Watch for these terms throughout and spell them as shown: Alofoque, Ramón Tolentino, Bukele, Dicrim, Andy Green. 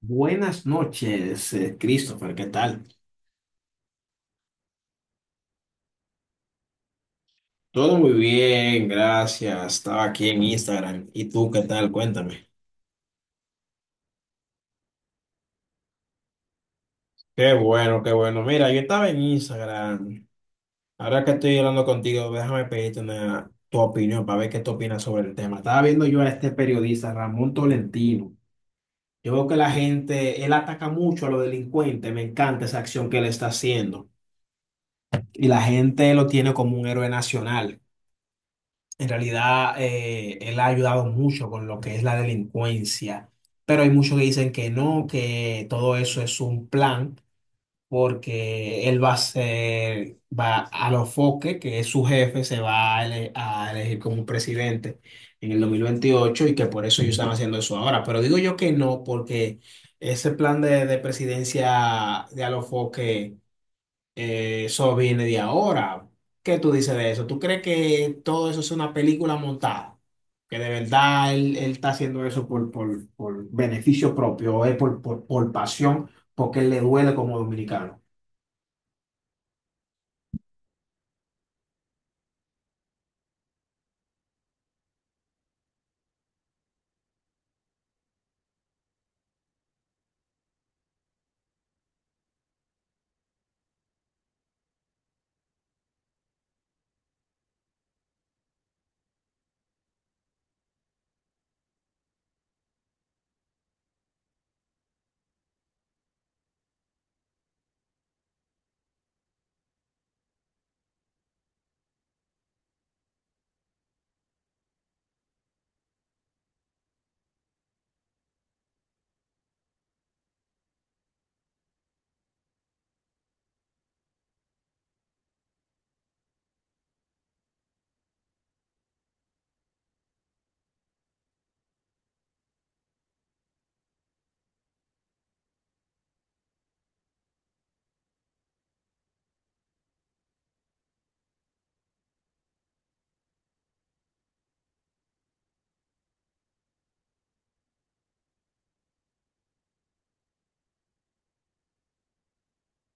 Buenas noches, Christopher, ¿qué tal? Todo muy bien, gracias. Estaba aquí en Instagram. ¿Y tú qué tal? Cuéntame. Qué bueno, qué bueno. Mira, yo estaba en Instagram. Ahora que estoy hablando contigo, déjame pedirte tu opinión para ver qué tú opinas sobre el tema. Estaba viendo yo a este periodista, Ramón Tolentino. Yo veo que la gente, él ataca mucho a los delincuentes. Me encanta esa acción que él está haciendo. Y la gente lo tiene como un héroe nacional. En realidad, él ha ayudado mucho con lo que es la delincuencia, pero hay muchos que dicen que no, que todo eso es un plan, porque él va a los Foque, que es su jefe, se va a, ele- a elegir como presidente en el 2028, y que por eso ellos están haciendo eso ahora. Pero digo yo que no, porque ese plan de presidencia de Alofoque eso viene de ahora. ¿Qué tú dices de eso? ¿Tú crees que todo eso es una película montada? Que de verdad él está haciendo eso por beneficio propio, o es por pasión, porque le duele como dominicano.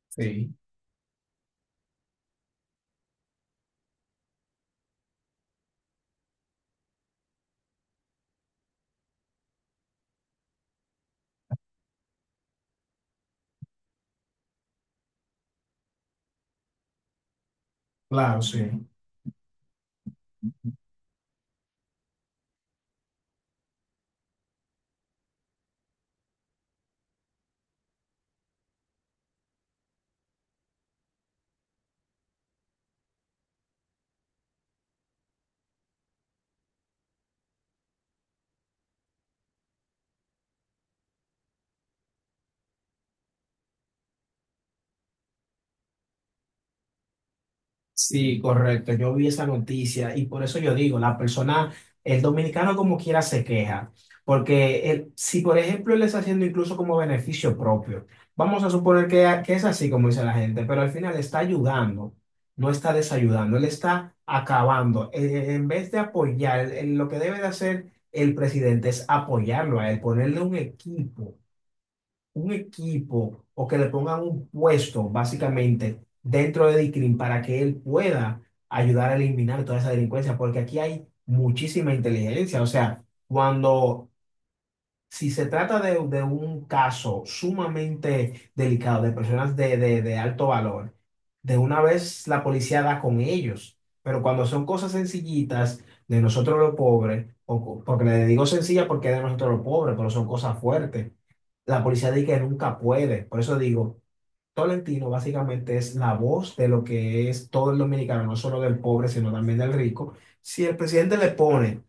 Sí, claro, sí. Sí, correcto. Yo vi esa noticia y por eso yo digo, la persona, el dominicano como quiera se queja, porque si por ejemplo él está haciendo incluso como beneficio propio, vamos a suponer que es así como dice la gente, pero al final está ayudando, no está desayudando, él está acabando. En vez de apoyar, lo que debe de hacer el presidente es apoyarlo a él, ponerle un equipo o que le pongan un puesto básicamente dentro de Dicrim para que él pueda ayudar a eliminar toda esa delincuencia, porque aquí hay muchísima inteligencia. O sea, cuando, si se trata de un caso sumamente delicado de personas de alto valor, de una vez la policía da con ellos, pero cuando son cosas sencillitas de nosotros los pobres, o, porque le digo sencilla porque es de nosotros los pobres, pero son cosas fuertes la policía dice que nunca puede. Por eso digo, Tolentino básicamente es la voz de lo que es todo el dominicano, no solo del pobre, sino también del rico. Si el presidente le pone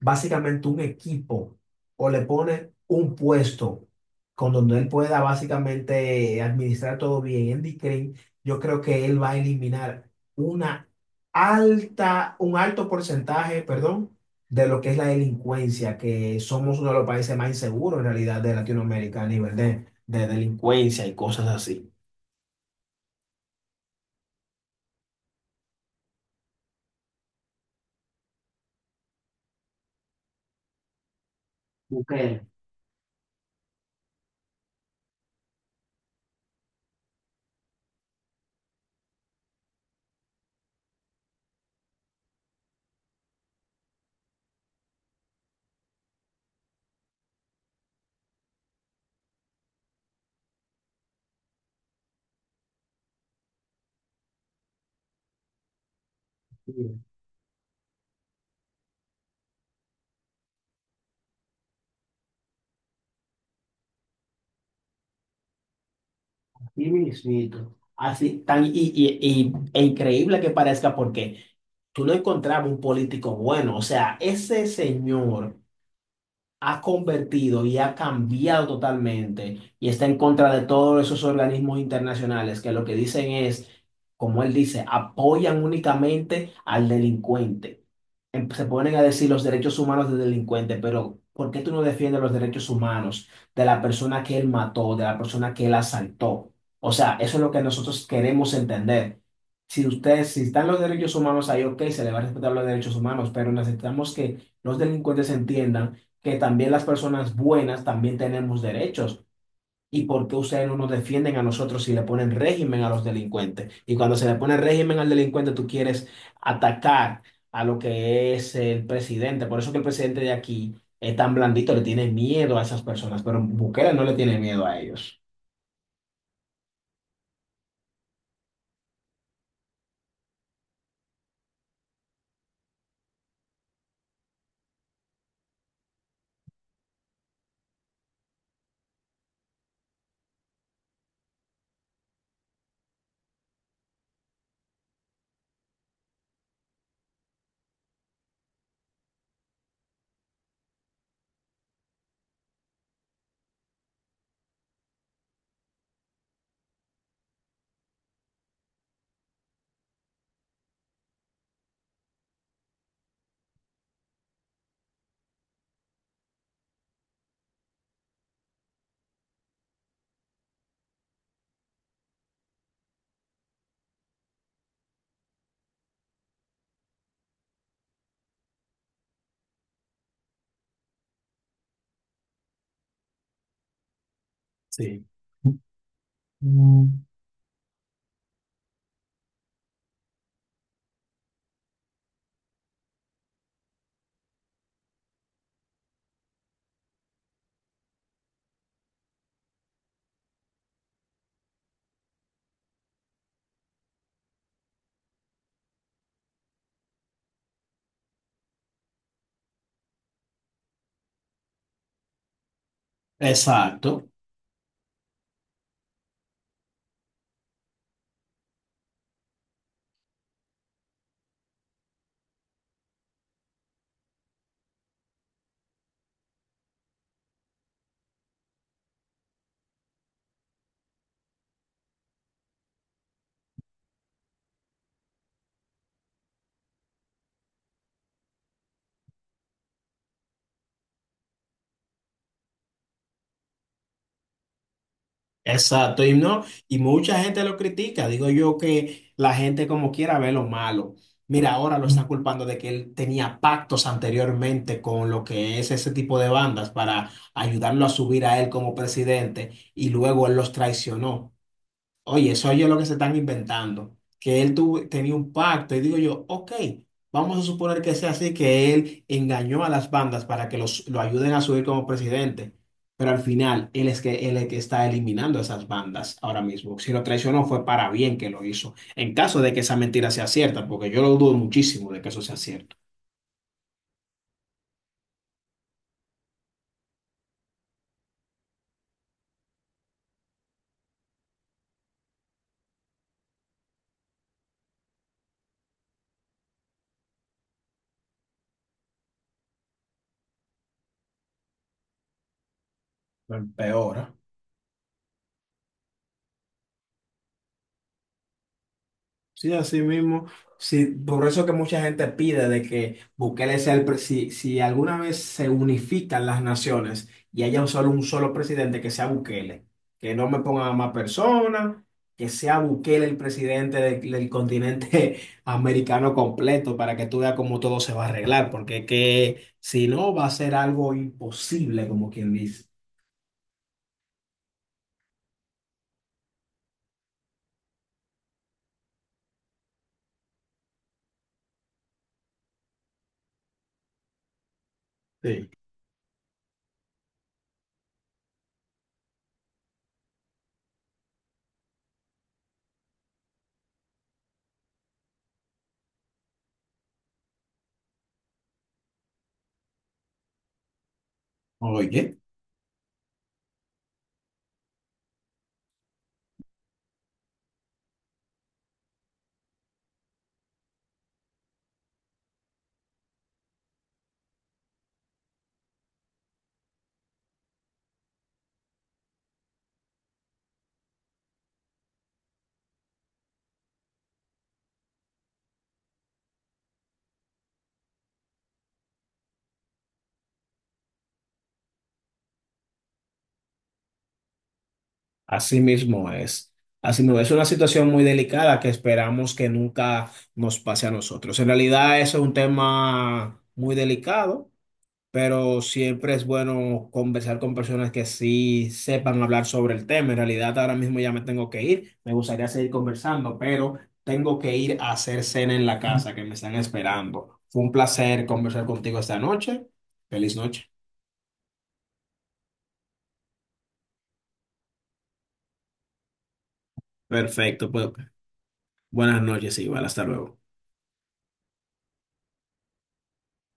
básicamente un equipo o le pone un puesto con donde él pueda básicamente administrar todo bien. Andy Green, yo creo que él va a eliminar una un alto porcentaje, perdón, de lo que es la delincuencia, que somos uno de los países más inseguros en realidad de Latinoamérica a nivel de delincuencia y cosas así. Ok. Sí mismito. Así, tan, e increíble que parezca porque tú no encontrabas un político bueno. O sea, ese señor ha convertido y ha cambiado totalmente y está en contra de todos esos organismos internacionales que lo que dicen es, como él dice, apoyan únicamente al delincuente. Se ponen a decir los derechos humanos del delincuente, pero ¿por qué tú no defiendes los derechos humanos de la persona que él mató, de la persona que él asaltó? O sea, eso es lo que nosotros queremos entender. Si están los derechos humanos ahí, ok, se le va a respetar los derechos humanos, pero necesitamos que los delincuentes entiendan que también las personas buenas también tenemos derechos. ¿Y por qué ustedes no nos defienden a nosotros si le ponen régimen a los delincuentes? Y cuando se le pone régimen al delincuente, tú quieres atacar a lo que es el presidente. Por eso que el presidente de aquí es tan blandito, le tiene miedo a esas personas, pero Bukele no le tiene miedo a ellos. Sí. Mm. Exacto. Exacto, y no, y mucha gente lo critica. Digo yo que la gente como quiera ve lo malo. Mira, ahora lo están culpando de que él tenía pactos anteriormente con lo que es ese tipo de bandas para ayudarlo a subir a él como presidente y luego él los traicionó. Oye, eso oye lo que se están inventando, que él tenía un pacto y digo yo, ok, vamos a suponer que sea así, que él engañó a las bandas para que lo ayuden a subir como presidente, pero al final él es que está eliminando esas bandas ahora mismo. Si lo traicionó fue para bien que lo hizo, en caso de que esa mentira sea cierta, porque yo lo dudo muchísimo de que eso sea cierto. Peor, ¿eh? Sí, así mismo. Sí, por eso que mucha gente pide de que Bukele sea el presidente. Si, si alguna vez se unifican las naciones y haya un solo, presidente, que sea Bukele. Que no me pongan a más personas, que sea Bukele el presidente del continente americano completo para que tú veas cómo todo se va a arreglar. Porque que, si no, va a ser algo imposible, como quien dice. Sí. Oye. Así mismo es. Así mismo es una situación muy delicada que esperamos que nunca nos pase a nosotros. En realidad, eso es un tema muy delicado, pero siempre es bueno conversar con personas que sí sepan hablar sobre el tema. En realidad, ahora mismo ya me tengo que ir. Me gustaría seguir conversando, pero tengo que ir a hacer cena en la casa que me están esperando. Fue un placer conversar contigo esta noche. Feliz noche. Perfecto, pues buenas noches, igual. Hasta luego.